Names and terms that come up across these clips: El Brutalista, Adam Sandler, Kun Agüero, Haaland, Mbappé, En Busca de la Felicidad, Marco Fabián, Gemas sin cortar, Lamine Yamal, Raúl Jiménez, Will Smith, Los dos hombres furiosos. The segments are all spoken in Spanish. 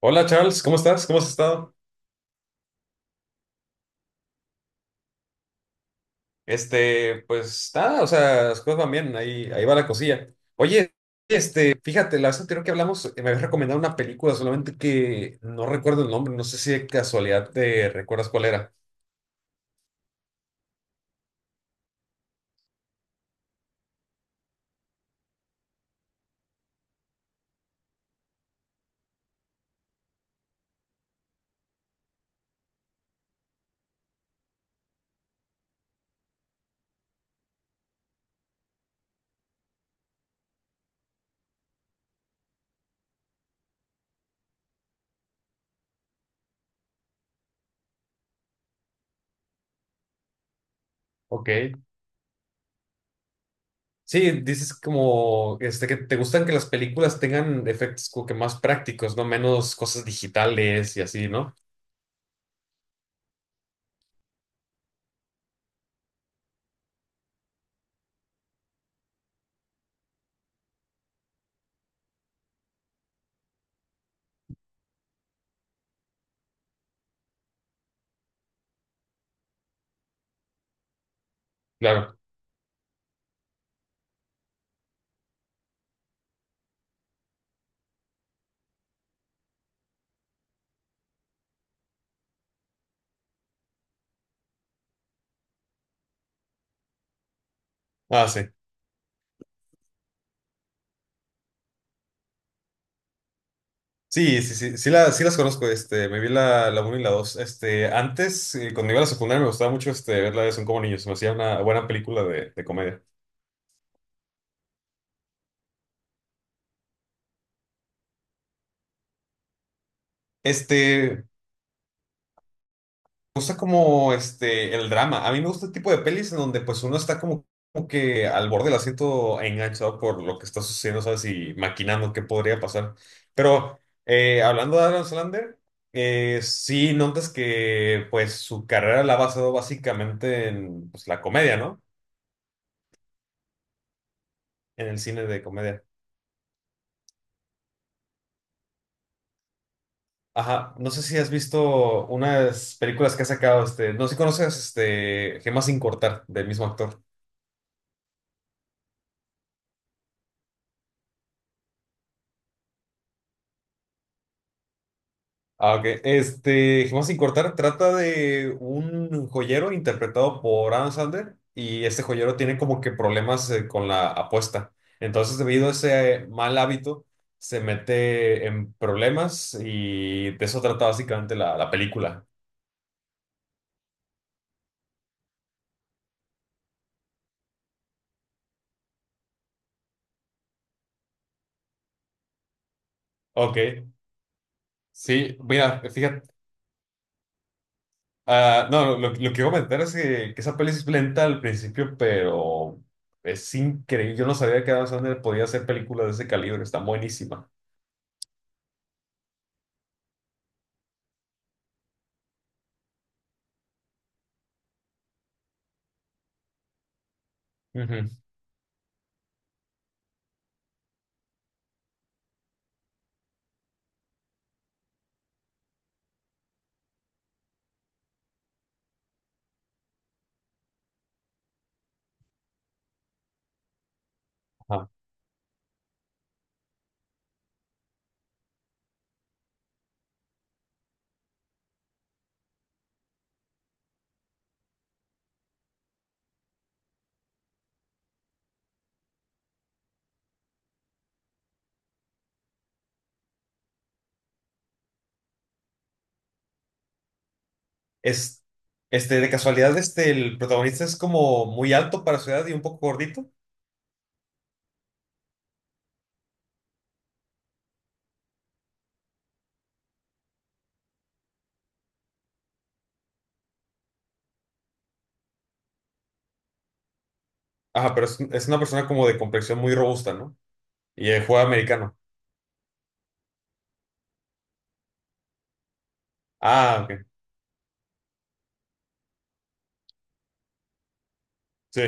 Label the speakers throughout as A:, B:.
A: Hola Charles, ¿cómo estás? ¿Cómo has estado? Pues nada, o sea, las cosas van bien, ahí, ahí va la cosilla. Oye, fíjate, la vez anterior que hablamos me habías recomendado una película, solamente que no recuerdo el nombre, no sé si de casualidad te recuerdas cuál era. Ok. Sí, dices como, que te gustan que las películas tengan efectos como que más prácticos, ¿no? Menos cosas digitales y así, ¿no? Claro. Ah, sí. Sí, sí, sí, sí, sí las conozco, me vi la, la uno y la 2. Este, antes, cuando iba a la secundaria, me gustaba mucho verla de Son como niños, me hacía una buena película de comedia. Me gusta como el drama. A mí me gusta el tipo de pelis en donde pues uno está como, como que al borde del asiento enganchado por lo que está sucediendo, ¿sabes? Y maquinando qué podría pasar. Pero hablando de Adam Sandler, sí notas que pues su carrera la ha basado básicamente en pues, la comedia, ¿no? En el cine de comedia. Ajá, no sé si has visto unas películas que ha sacado, no sé si conoces, Gemas sin cortar, del mismo actor. Ah, ok. Este, Gemas sin cortar trata de un joyero interpretado por Adam Sandler y este joyero tiene como que problemas con la apuesta. Entonces, debido a ese mal hábito, se mete en problemas y de eso trata básicamente la película. Ok. Sí, mira, fíjate, ah, no, lo que iba a comentar es que esa peli sí es lenta al principio, pero es increíble. Yo no sabía que Adam Sandler podía hacer películas de ese calibre, está buenísima. Ujú, ajá. Es, de casualidad, el protagonista es como muy alto para su edad y un poco gordito. Ajá, pero es una persona como de complexión muy robusta, ¿no? Y juega americano. Ah, ok. Sí.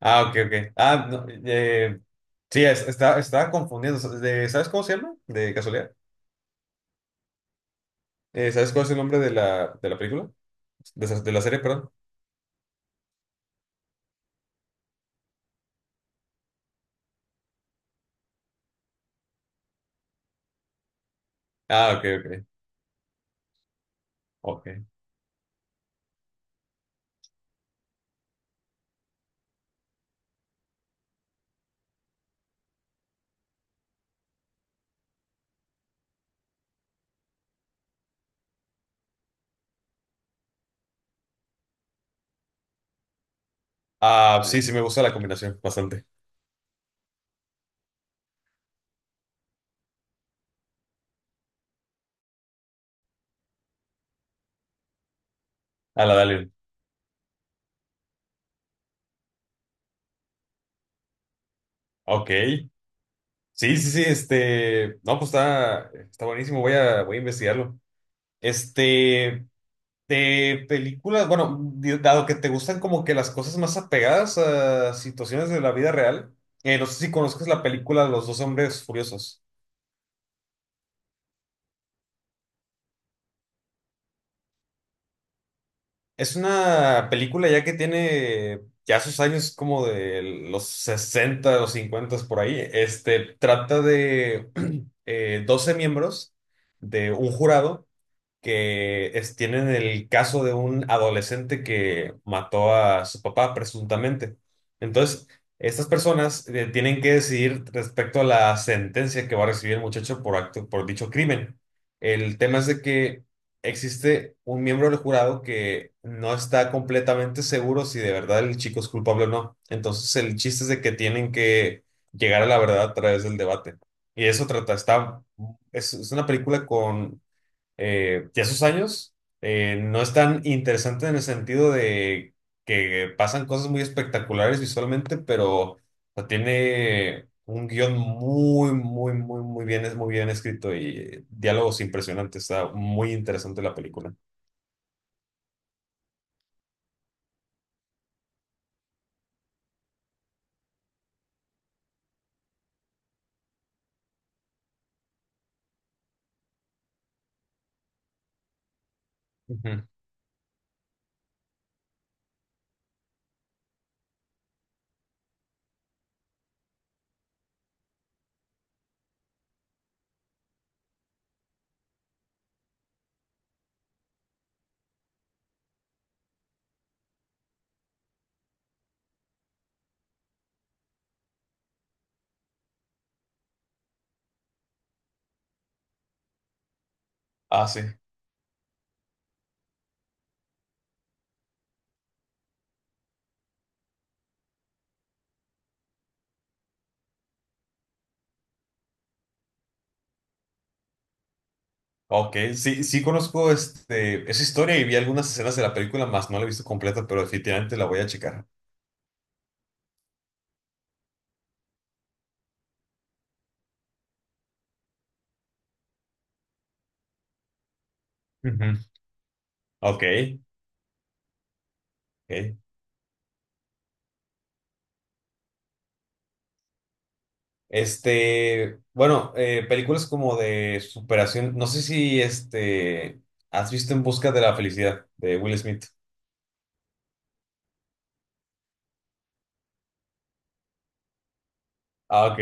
A: Ah, ok, ok. Ah, no, sí, está, estaba confundiendo. ¿Sabes cómo se llama? De casualidad. ¿Sabes cuál es el nombre de de la película? ¿De, de la serie, perdón? Ah, ok, ok. Ok. Ah, sí, sí me gusta la combinación, bastante. A la Dalian. Ok. Sí, sí, sí, este. No, pues está, está buenísimo, voy a, voy a investigarlo. Este. De películas, bueno, dado que te gustan como que las cosas más apegadas a situaciones de la vida real, no sé si conozcas la película Los dos hombres furiosos. Es una película ya que tiene ya sus años como de los 60 o 50 por ahí. Este trata de 12 miembros de un jurado que tienen el caso de un adolescente que mató a su papá presuntamente. Entonces, estas personas tienen que decidir respecto a la sentencia que va a recibir el muchacho por acto, por dicho crimen. El tema es de que existe un miembro del jurado que no está completamente seguro si de verdad el chico es culpable o no. Entonces, el chiste es de que tienen que llegar a la verdad a través del debate. Y eso trata, está, es una película con ya sus años no es tan interesante en el sentido de que pasan cosas muy espectaculares visualmente, pero o sea, tiene un guión muy, muy, muy, muy bien escrito y diálogos impresionantes. Está muy interesante la película. Ujú. Ah, sí. Ok, sí, sí conozco esa historia y vi algunas escenas de la película, más no la he visto completa, pero definitivamente la voy a checar. Ujú. Ok, ok. Este, bueno, películas como de superación. No sé si este has visto En Busca de la Felicidad de Will Smith. Ah, ok.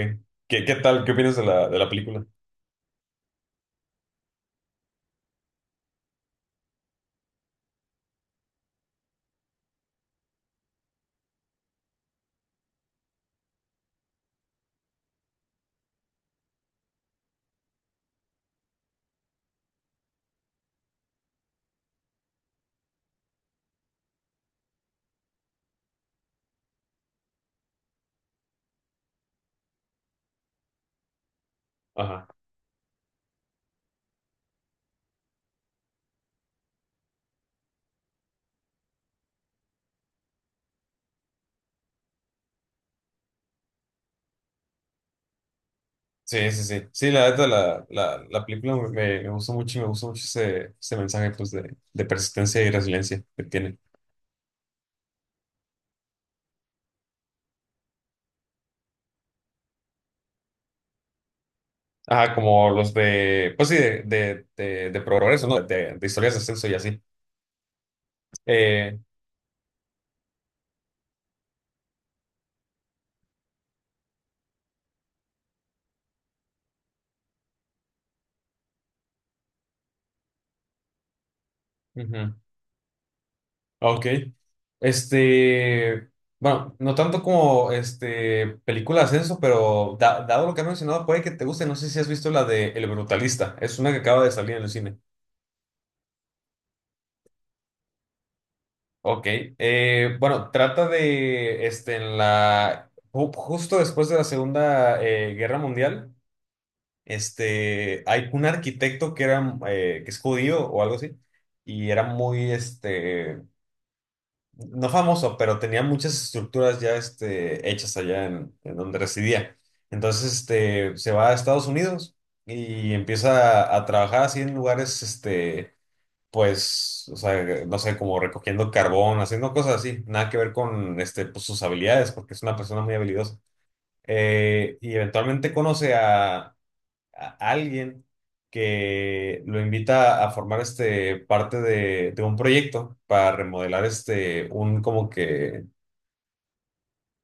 A: ¿Qué, qué tal? ¿Qué opinas de de la película? Ajá. Sí, sí, sí. Sí, la neta, la película me, me gustó mucho y me gustó mucho ese, ese mensaje pues, de persistencia y resiliencia que tiene. Ajá, como los de, pues sí, de progreso, ¿no? De historias de ascenso y así. Eh, ujú. Ah, ok. Este, bueno, no tanto como este películas eso, pero dado lo que has mencionado, puede que te guste. No sé si has visto la de El Brutalista. Es una que acaba de salir en el cine. Ok. Eh, bueno, trata de este en la justo después de la Segunda Guerra Mundial. Este, hay un arquitecto que era que es judío o algo así. Y era muy este no famoso, pero tenía muchas estructuras ya este, hechas allá en donde residía. Entonces este, se va a Estados Unidos y empieza a trabajar así en lugares, este, pues, o sea, no sé, como recogiendo carbón, haciendo cosas así, nada que ver con este, pues, sus habilidades, porque es una persona muy habilidosa. Y eventualmente conoce a alguien que lo invita a formar este parte de un proyecto para remodelar este un como que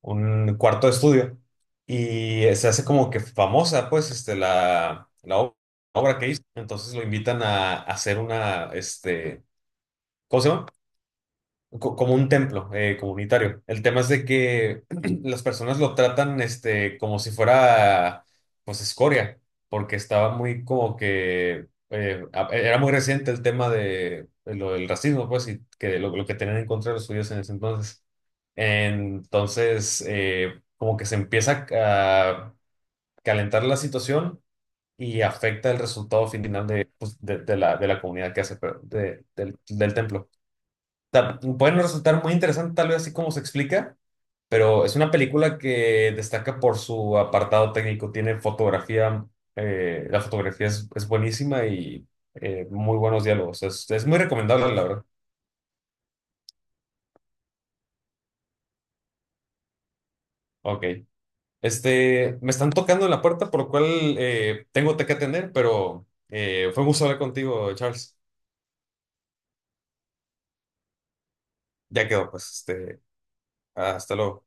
A: un cuarto de estudio y se hace como que famosa pues este la obra que hizo entonces lo invitan a hacer una este ¿cómo se llama? Como un templo comunitario. El tema es de que las personas lo tratan este, como si fuera, pues, escoria, porque estaba muy como que, era muy reciente el tema de lo del racismo, pues, y que lo que tenían en contra de los judíos en ese entonces. Entonces, como que se empieza a calentar la situación y afecta el resultado final de, pues, de, de la comunidad que hace, pero del del templo sea, pueden resultar muy interesante tal vez así como se explica, pero es una película que destaca por su apartado técnico. Tiene fotografía, la fotografía es buenísima y muy buenos diálogos. Es muy recomendable, la verdad. Ok. Este, me están tocando en la puerta, por lo cual tengo que atender, pero fue un gusto hablar contigo, Charles. Ya quedó, pues, este, hasta luego.